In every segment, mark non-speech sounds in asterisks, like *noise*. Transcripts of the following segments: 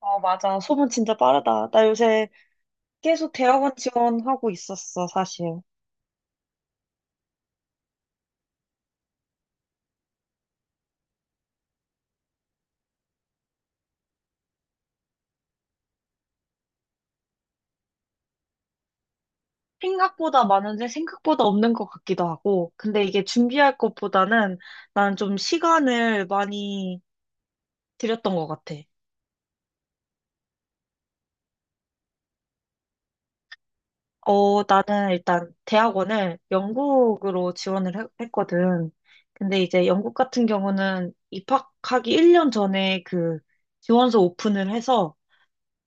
어, 맞아. 소문 진짜 빠르다. 나 요새 계속 대학원 지원하고 있었어, 사실. 생각보다 많은데 생각보다 없는 것 같기도 하고. 근데 이게 준비할 것보다는 나는 좀 시간을 많이 들였던 것 같아. 나는 일단 대학원을 영국으로 지원을 했거든. 근데 이제 영국 같은 경우는 입학하기 1년 전에 그 지원서 오픈을 해서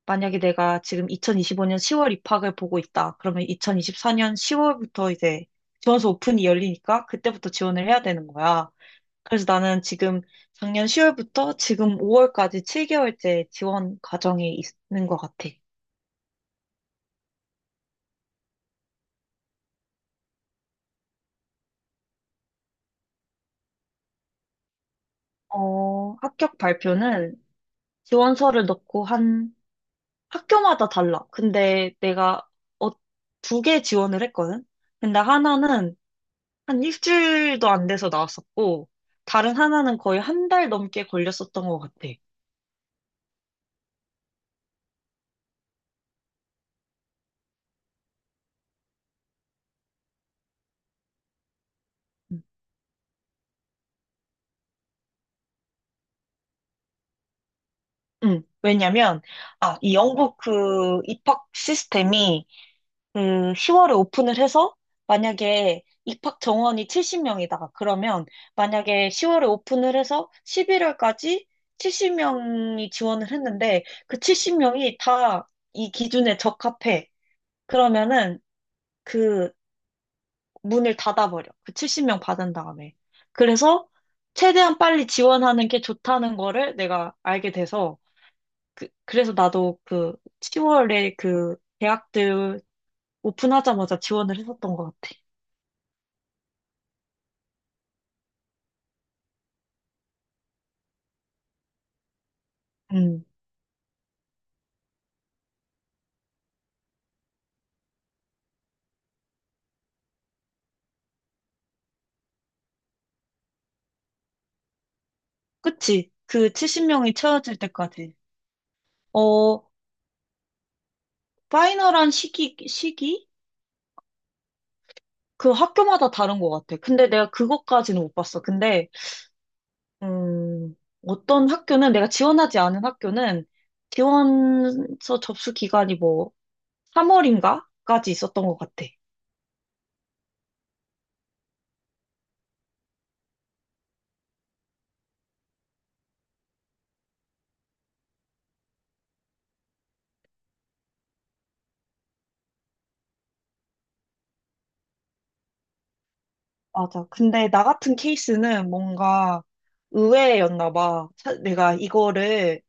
만약에 내가 지금 2025년 10월 입학을 보고 있다. 그러면 2024년 10월부터 이제 지원서 오픈이 열리니까 그때부터 지원을 해야 되는 거야. 그래서 나는 지금 작년 10월부터 지금 5월까지 7개월째 지원 과정에 있는 것 같아. 합격 발표는 지원서를 넣고 한 학교마다 달라. 근데 내가 어, 두 개 지원을 했거든? 근데 하나는 한 일주일도 안 돼서 나왔었고, 다른 하나는 거의 한 달 넘게 걸렸었던 것 같아. 음. 왜냐면, 아, 이 영국 그 입학 시스템이 그 10월에 오픈을 해서 만약에 입학 정원이 70명이다. 그러면 만약에 10월에 오픈을 해서 11월까지 70명이 지원을 했는데 그 70명이 다 이 기준에 적합해. 그러면은 그 문을 닫아버려. 그 70명 받은 다음에. 그래서 최대한 빨리 지원하는 게 좋다는 거를 내가 알게 돼서 그래서 나도 그 10월에 그 대학들 오픈하자마자 지원을 했었던 것 같아. 음, 그치. 그 70명이 채워질 때까지. 어, 파이널한 시기, 시기? 그 학교마다 다른 것 같아. 근데 내가 그것까지는 못 봤어. 근데 음, 어떤 학교는 내가 지원하지 않은 학교는 지원서 접수 기간이 뭐 3월인가까지 있었던 것 같아. 맞아. 근데 나 같은 케이스는 뭔가 의외였나 봐. 내가 이거를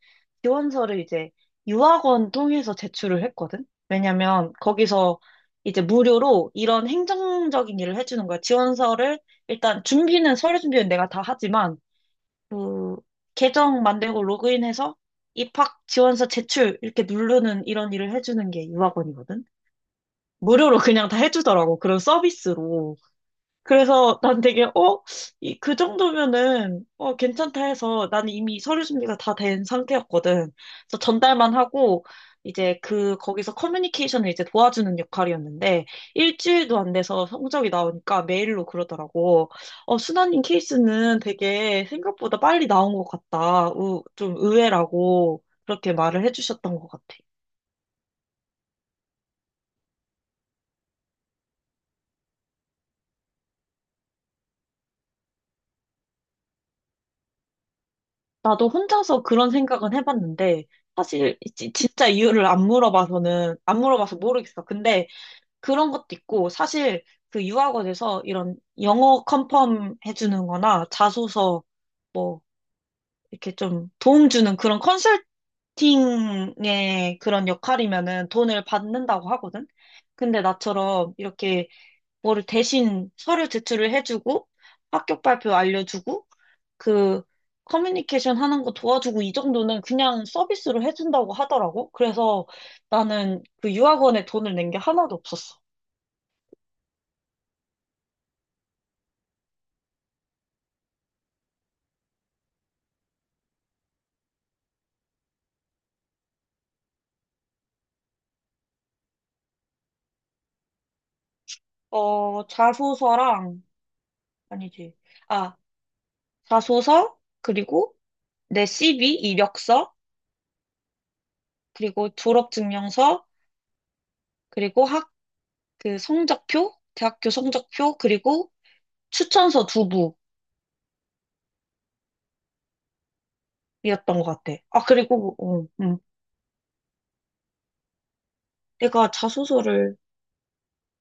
지원서를 이제 유학원 통해서 제출을 했거든. 왜냐면 거기서 이제 무료로 이런 행정적인 일을 해주는 거야. 지원서를 일단 준비는 서류 준비는 내가 다 하지만 그 계정 만들고 로그인해서 입학 지원서 제출 이렇게 누르는 이런 일을 해주는 게 유학원이거든. 무료로 그냥 다 해주더라고. 그런 서비스로. 그래서 난 되게, 어? 이, 그 정도면은, 괜찮다 해서 나는 이미 서류 준비가 다 된 상태였거든. 그래서 전달만 하고, 이제 그, 거기서 커뮤니케이션을 이제 도와주는 역할이었는데, 일주일도 안 돼서 성적이 나오니까 메일로 그러더라고. 순나님 케이스는 되게 생각보다 빨리 나온 것 같다. 우, 좀 의외라고 그렇게 말을 해주셨던 것 같아. 나도 혼자서 그런 생각은 해봤는데, 사실 진짜 이유를 안 물어봐서 모르겠어. 근데 그런 것도 있고, 사실 그 유학원에서 이런 영어 컨펌 해주는 거나 자소서 뭐, 이렇게 좀 도움 주는 그런 컨설팅의 그런 역할이면은 돈을 받는다고 하거든? 근데 나처럼 이렇게 뭐를 대신 서류 제출을 해주고, 합격 발표 알려주고, 그 커뮤니케이션 하는 거 도와주고 이 정도는 그냥 서비스로 해준다고 하더라고. 그래서 나는 그 유학원에 돈을 낸 게 하나도 없었어. 자소서랑, 아니지. 아, 자소서, 그리고 내 CV, 이력서, 그리고 졸업증명서, 그리고 그 성적표, 대학교 성적표, 그리고 추천서 두 부였던 것 같아. 아, 그리고. 내가 자소서를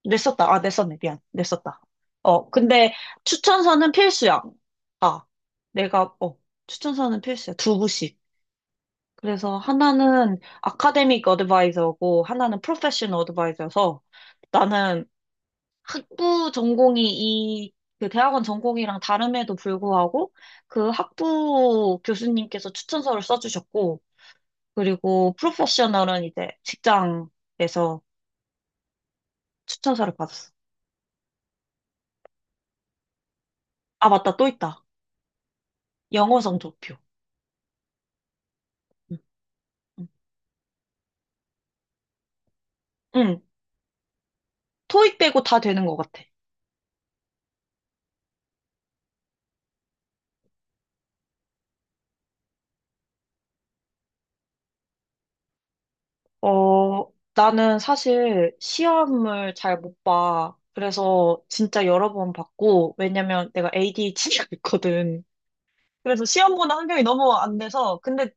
냈었다. 아, 냈었네. 미안. 냈었다. 근데 추천서는 필수야. 아, 내가, 어, 추천서는 필수야. 두 부씩. 그래서 하나는 아카데믹 어드바이저고, 하나는 프로페셔널 어드바이저여서 나는 학부 전공이 그 대학원 전공이랑 다름에도 불구하고 그 학부 교수님께서 추천서를 써주셨고, 그리고 프로페셔널은 이제 직장에서 추천서를 받았어. 아, 맞다. 또 있다. 영어 성적표. 응, 토익 빼고 다 되는 것 같아. 나는 사실 시험을 잘 못 봐. 그래서 진짜 여러 번 봤고, 왜냐면 내가 ADHD가 있거든. *laughs* 그래서 시험 보는 환경이 너무 안 돼서, 근데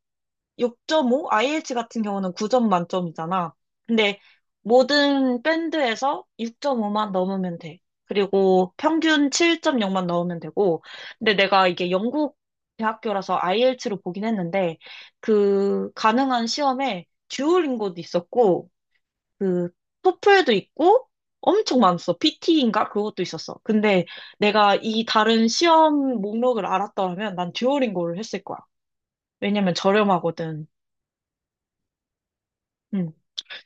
6.5, IH 같은 경우는 9점 만점이잖아. 근데 모든 밴드에서 6.5만 넘으면 돼. 그리고 평균 7.0만 넣으면 되고. 근데 내가 이게 영국 대학교라서 IELTS로 보긴 했는데 그 가능한 시험에 듀오링고도 있었고 그 토플도 있고 엄청 많았어. PT인가? 그것도 있었어. 근데 내가 이 다른 시험 목록을 알았더라면 난 듀오링고를 했을 거야. 왜냐면 저렴하거든. 응.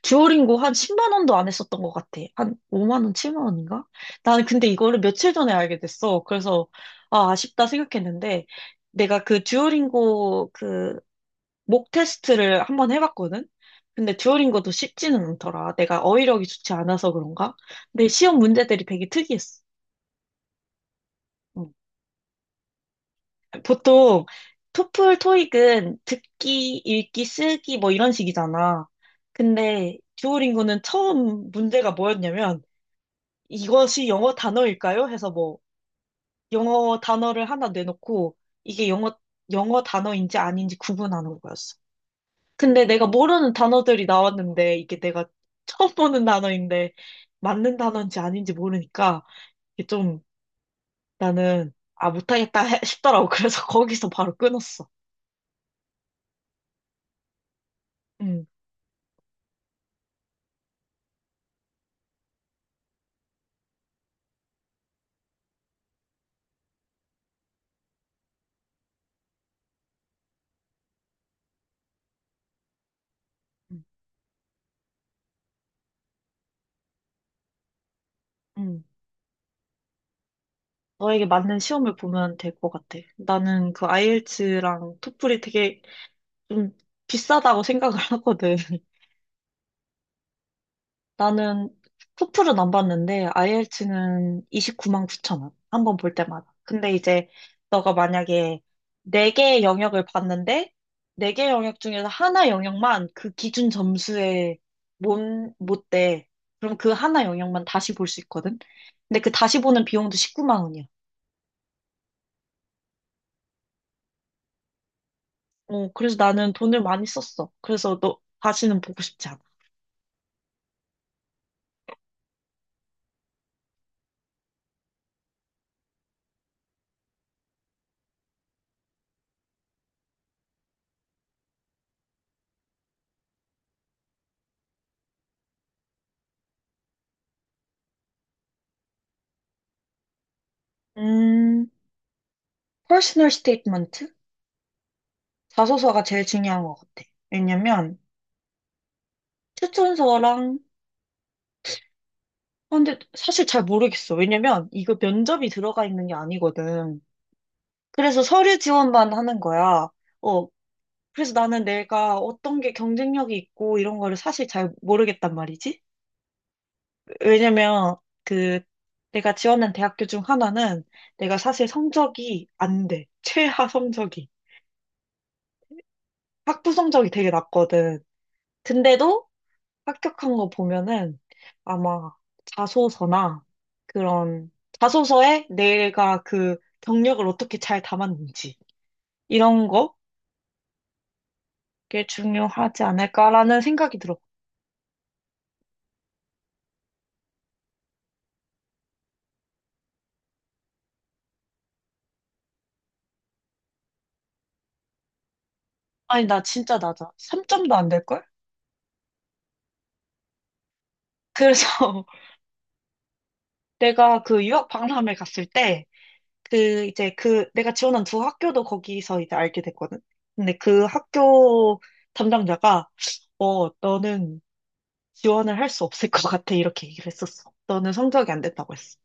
듀오링고 한 10만 원도 안 했었던 것 같아. 한 5만 원, 7만 원인가? 나는 근데 이거를 며칠 전에 알게 됐어. 그래서 아, 아쉽다 생각했는데 내가 그 듀오링고 그 목 테스트를 한번 해봤거든? 근데 듀오링고도 쉽지는 않더라. 내가 어휘력이 좋지 않아서 그런가? 근데 시험 문제들이 되게 특이했어. 응. 보통 토플, 토익은 듣기, 읽기, 쓰기 뭐 이런 식이잖아. 근데 듀오링고는 처음 문제가 뭐였냐면 이것이 영어 단어일까요? 해서 뭐 영어 단어를 하나 내놓고 이게 영어 단어인지 아닌지 구분하는 거였어. 근데 내가 모르는 단어들이 나왔는데 이게 내가 처음 보는 단어인데 맞는 단어인지 아닌지 모르니까 이게 좀 나는 아 못하겠다 싶더라고. 그래서 *laughs* 거기서 바로 끊었어. 응, 응, 응. 너에게 맞는 시험을 보면 될 것 같아. 나는 그 아이엘츠랑 토플이 되게 좀 비싸다고 생각을 하거든. 나는 토플은 안 봤는데 IELTS는 29만 9천 원. 한 번 볼 때마다. 근데 이제 너가 만약에 네개의 영역을 봤는데 네개 영역 중에서 하나 영역만 그 기준 점수에 못, 못 돼. 그럼 그 하나 영역만 다시 볼 수 있거든. 근데 그 다시 보는 비용도 19만 원이야. 그래서 나는 돈을 많이 썼어. 그래서 너 다시는 보고 싶지 않아. 음, personal statement? 자소서가 제일 중요한 것 같아. 왜냐면 추천서랑, 아, 근데 사실 잘 모르겠어. 왜냐면 이거 면접이 들어가 있는 게 아니거든. 그래서 서류 지원만 하는 거야. 어, 그래서 나는 내가 어떤 게 경쟁력이 있고 이런 거를 사실 잘 모르겠단 말이지. 왜냐면 그 내가 지원한 대학교 중 하나는 내가 사실 성적이 안 돼. 최하 성적이. 학부 성적이 되게 낮거든. 근데도 합격한 거 보면은 아마 자소서나 그런 자소서에 내가 그 경력을 어떻게 잘 담았는지 이런 거게 중요하지 않을까라는 생각이 들어. 아니, 나 진짜 낮아. 3점도 안 될걸? 그래서 *laughs* 내가 그 유학 박람회 갔을 때 그 이제 그 내가 지원한 두 학교도 거기서 이제 알게 됐거든. 근데 그 학교 담당자가 너는 지원을 할 수 없을 것 같아. 이렇게 얘기를 했었어. 너는 성적이 안 됐다고 했어.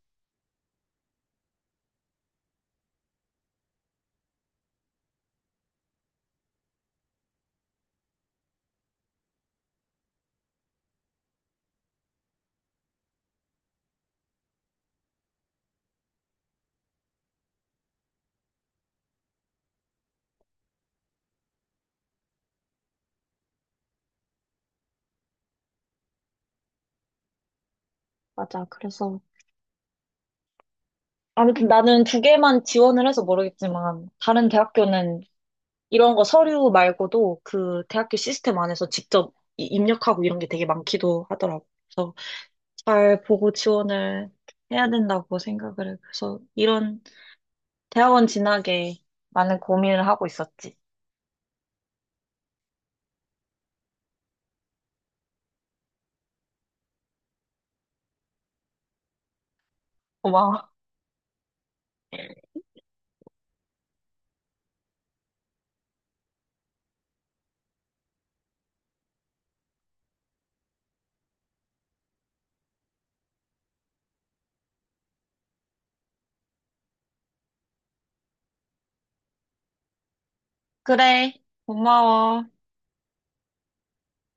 맞아. 그래서 아무튼 나는 두 개만 지원을 해서 모르겠지만 다른 대학교는 이런 거 서류 말고도 그 대학교 시스템 안에서 직접 입력하고 이런 게 되게 많기도 하더라고. 그래서 잘 보고 지원을 해야 된다고 생각을 해. 그래서 이런 대학원 진학에 많은 고민을 하고 있었지. 고마워. 그래. 고마워.